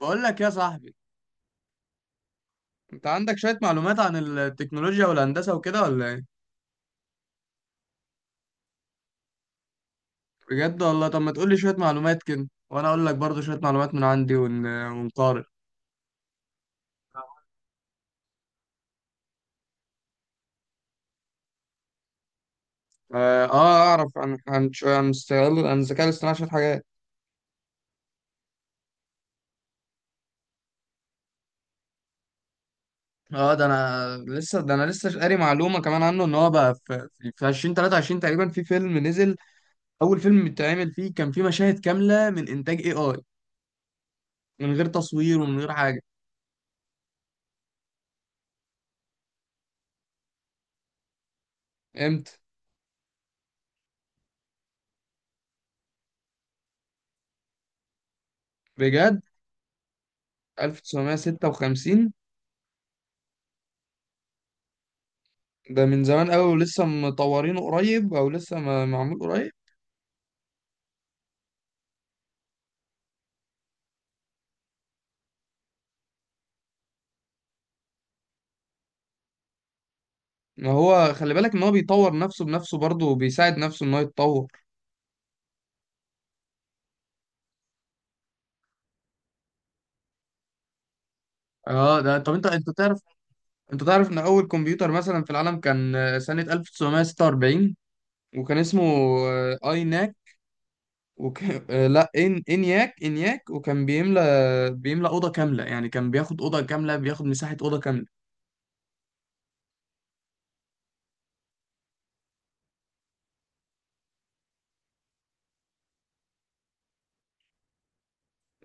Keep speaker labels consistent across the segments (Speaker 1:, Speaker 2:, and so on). Speaker 1: بقول لك يا صاحبي، انت عندك شوية معلومات عن التكنولوجيا والهندسة وكده ولا ايه؟ بجد والله. طب ما تقول لي شوية معلومات كده وانا اقول لك برضو شوية معلومات من عندي ونقارن. اه، اعرف عن عن ش- عن استغلال عن الذكاء الاصطناعي شوية حاجات. اه، ده انا لسه قاري معلومة كمان عنه ان هو بقى في 2023 تقريبا في فيلم نزل. اول فيلم اتعمل فيه كان فيه مشاهد كاملة من انتاج اي اي، من غير تصوير ومن غير حاجة. امتى؟ بجد؟ 1956؟ ده من زمان قوي ولسه مطورينه قريب، او لسه معمول قريب. ما هو خلي بالك ان هو بيطور نفسه بنفسه برضه وبيساعد نفسه ان هو يتطور. اه. ده طب انت تعرف. انت تعرف ان اول كمبيوتر مثلا في العالم كان سنة 1946، وكان اسمه اي ناك. وك... آه، لا، ان انياك، وكان بيملى، اوضه كامله، يعني كان بياخد اوضه كامله، بياخد مساحه اوضه كامله.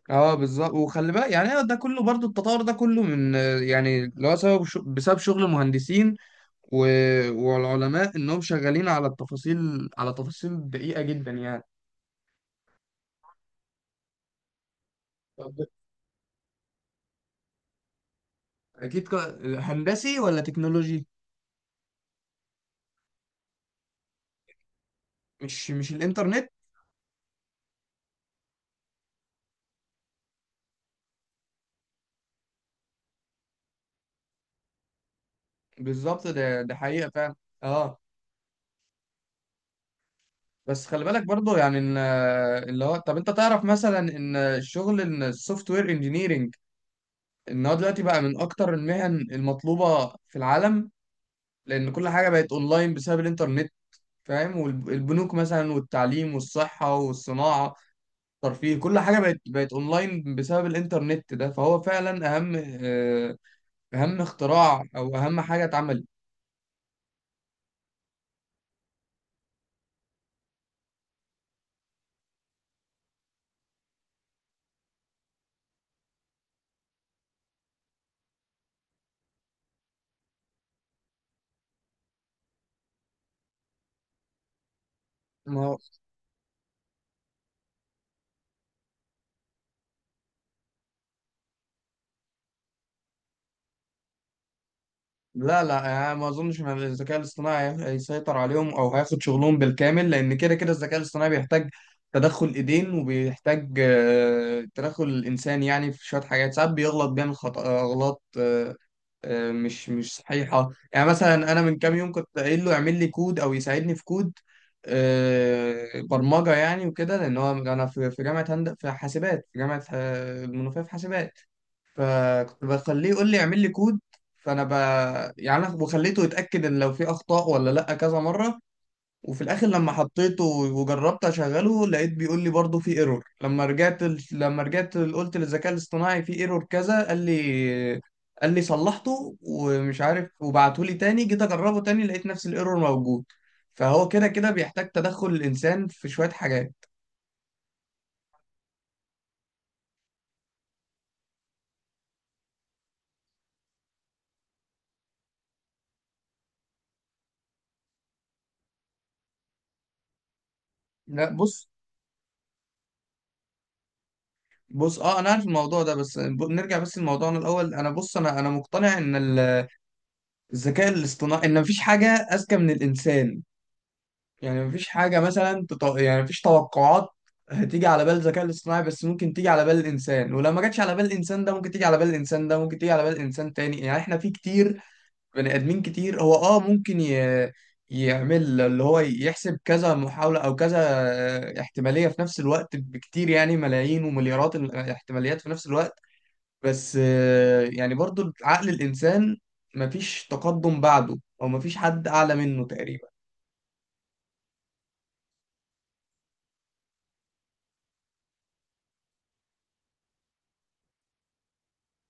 Speaker 1: اه بالظبط. وخلي بالك يعني ده كله برضو، التطور ده كله من يعني اللي هو سبب، بسبب شغل مهندسين و... والعلماء انهم شغالين على التفاصيل، على تفاصيل دقيقة جدا يعني. طب اكيد. هندسي ولا تكنولوجي؟ مش الانترنت؟ بالظبط، ده حقيقة فعلا. اه. بس خلي بالك برضو يعني ان اللي هو، طب انت تعرف مثلا ان شغل السوفت وير انجينيرنج، ان هو دلوقتي بقى من اكتر المهن المطلوبة في العالم، لان كل حاجة بقت اونلاين بسبب الانترنت، فاهم؟ والبنوك مثلا والتعليم والصحة والصناعة، ترفيه، كل حاجة بقت اونلاين بسبب الانترنت ده، فهو فعلا اهم، آه، اهم اختراع او اهم حاجة اتعملت. ما هو لا، لا، يعني ما اظنش ان الذكاء الاصطناعي هيسيطر عليهم او هياخد شغلهم بالكامل، لان كده كده الذكاء الاصطناعي بيحتاج تدخل ايدين، وبيحتاج تدخل الانسان، يعني في شوية حاجات ساعات بيغلط، بيعمل خطأ، اغلاط مش صحيحة. يعني مثلا أنا من كام يوم كنت قايل له يعمل لي كود أو يساعدني في كود، برمجة يعني وكده، لأن هو أنا في جامعة هند في حاسبات، في جامعة المنوفية في حاسبات. فكنت بخليه يقول لي اعمل لي كود. فأنا ب يعني أنا وخليته يتأكد إن لو في أخطاء ولا لأ كذا مرة. وفي الاخر لما حطيته وجربت اشغله لقيت بيقول لي برضه في ايرور. لما رجعت قلت للذكاء الاصطناعي في ايرور كذا، قال لي، قال لي صلحته ومش عارف، وبعته لي تاني، جيت اجربه تاني لقيت نفس الايرور موجود. فهو كده كده بيحتاج تدخل الانسان في شوية حاجات. لا بص. اه انا عارف الموضوع ده، بس نرجع بس لموضوعنا الاول. انا بص، انا مقتنع ان الذكاء الاصطناعي، ان مفيش حاجة اذكى من الانسان. يعني مفيش حاجة مثلا يعني مفيش توقعات هتيجي على بال الذكاء الاصطناعي، بس ممكن تيجي على بال الإنسان، ولو ما جاتش على بال الإنسان ده ممكن تيجي على بال الإنسان ده، ممكن تيجي على بال إنسان تاني. يعني إحنا في كتير، بني آدمين كتير. هو ممكن يعمل اللي هو يحسب كذا محاولة أو كذا احتمالية في نفس الوقت بكتير، يعني ملايين ومليارات الاحتماليات في نفس الوقت. بس يعني برضو عقل الإنسان، مفيش تقدم بعده أو مفيش حد أعلى منه تقريبا.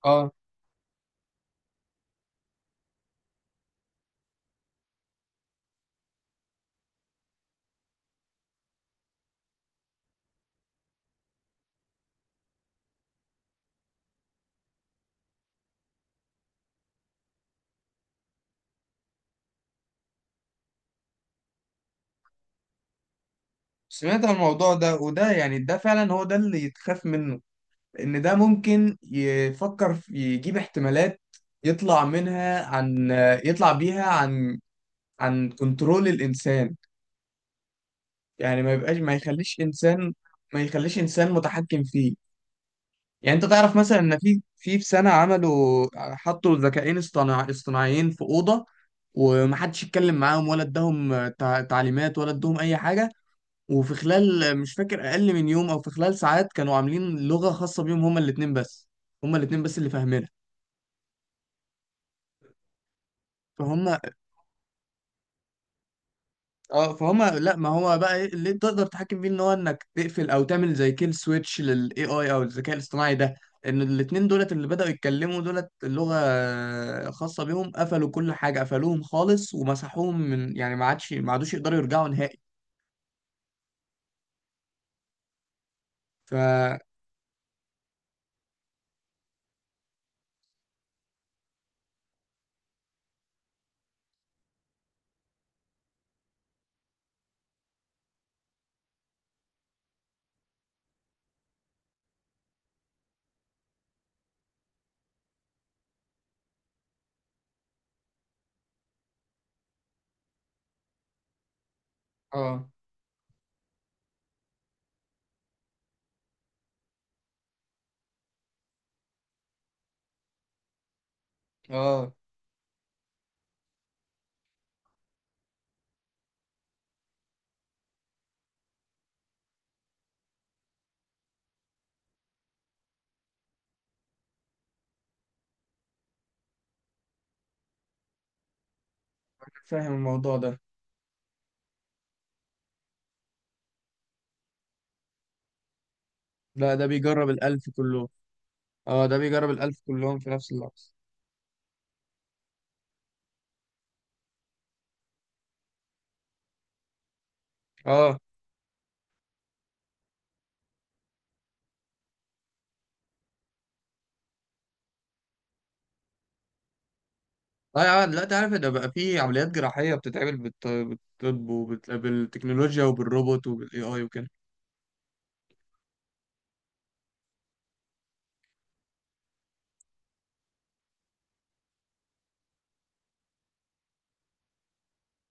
Speaker 1: اه. سمعت عن الموضوع ده، وده يعني ده فعلا هو ده اللي يتخاف منه، ان ده ممكن يفكر في، يجيب احتمالات يطلع منها عن يطلع بيها عن كنترول الانسان. يعني ما يبقاش، ما يخليش انسان متحكم فيه. يعني انت تعرف مثلا ان في سنة عملوا، حطوا ذكاءين اصطناعيين في أوضة، ومحدش يتكلم معاهم ولا اداهم تعليمات ولا اداهم اي حاجة. وفي خلال، مش فاكر، اقل من يوم او في خلال ساعات، كانوا عاملين لغه خاصه بيهم هما الاثنين بس، هما الاثنين بس اللي فاهمينها. فهم اه فهم. لا ما هو بقى إيه اللي تقدر تتحكم فيه؟ ان هو انك تقفل او تعمل زي كيل سويتش للاي اي او الذكاء الاصطناعي ده، ان الاثنين دولت اللي بداوا يتكلموا دولت لغه خاصه بيهم، قفلوا كل حاجه، قفلوهم خالص ومسحوهم، من يعني ما عادوش يقدروا يرجعوا نهائي. ف اه اه فاهم الموضوع ده. لا، ده بيجرب الألف كله. اه، ده بيجرب الألف كلهم في نفس اللحظة. اه. لا يا عم، لا تعرف؟ ده بقى في عمليات جراحية بتتعمل بالطب وبالتكنولوجيا وبالروبوت وبالاي اي وكده.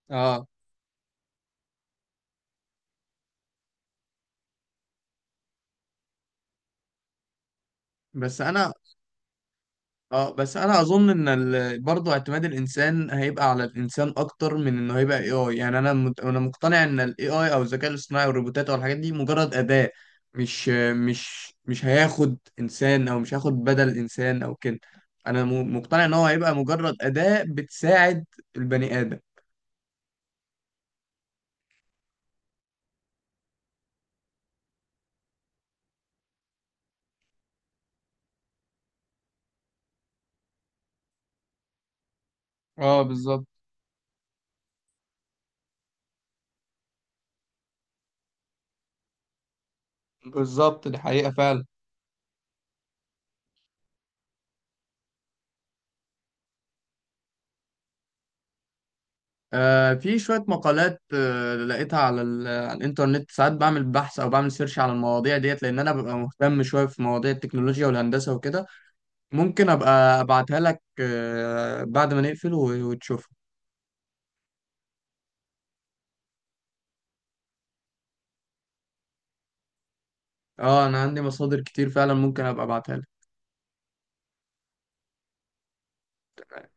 Speaker 1: اه. بس انا اه بس انا اظن ان برضه اعتماد الانسان هيبقى على الانسان اكتر من انه هيبقى اي اي. يعني انا انا مقتنع ان الاي اي او الذكاء الاصطناعي والروبوتات والحاجات دي مجرد اداة، مش مش هياخد انسان، او مش هياخد بدل انسان او كده. انا مقتنع ان هو هيبقى مجرد اداة بتساعد البني ادم. اه بالظبط. دي حقيقة فعلا. في شوية مقالات لقيتها على على الإنترنت. ساعات بعمل بحث أو بعمل سيرش على المواضيع ديت، لأن أنا ببقى مهتم شوية في مواضيع التكنولوجيا والهندسة وكده. ممكن أبقى أبعتها لك بعد ما نقفل وتشوفها. أه، أنا عندي مصادر كتير فعلا، ممكن أبقى أبعتها لك.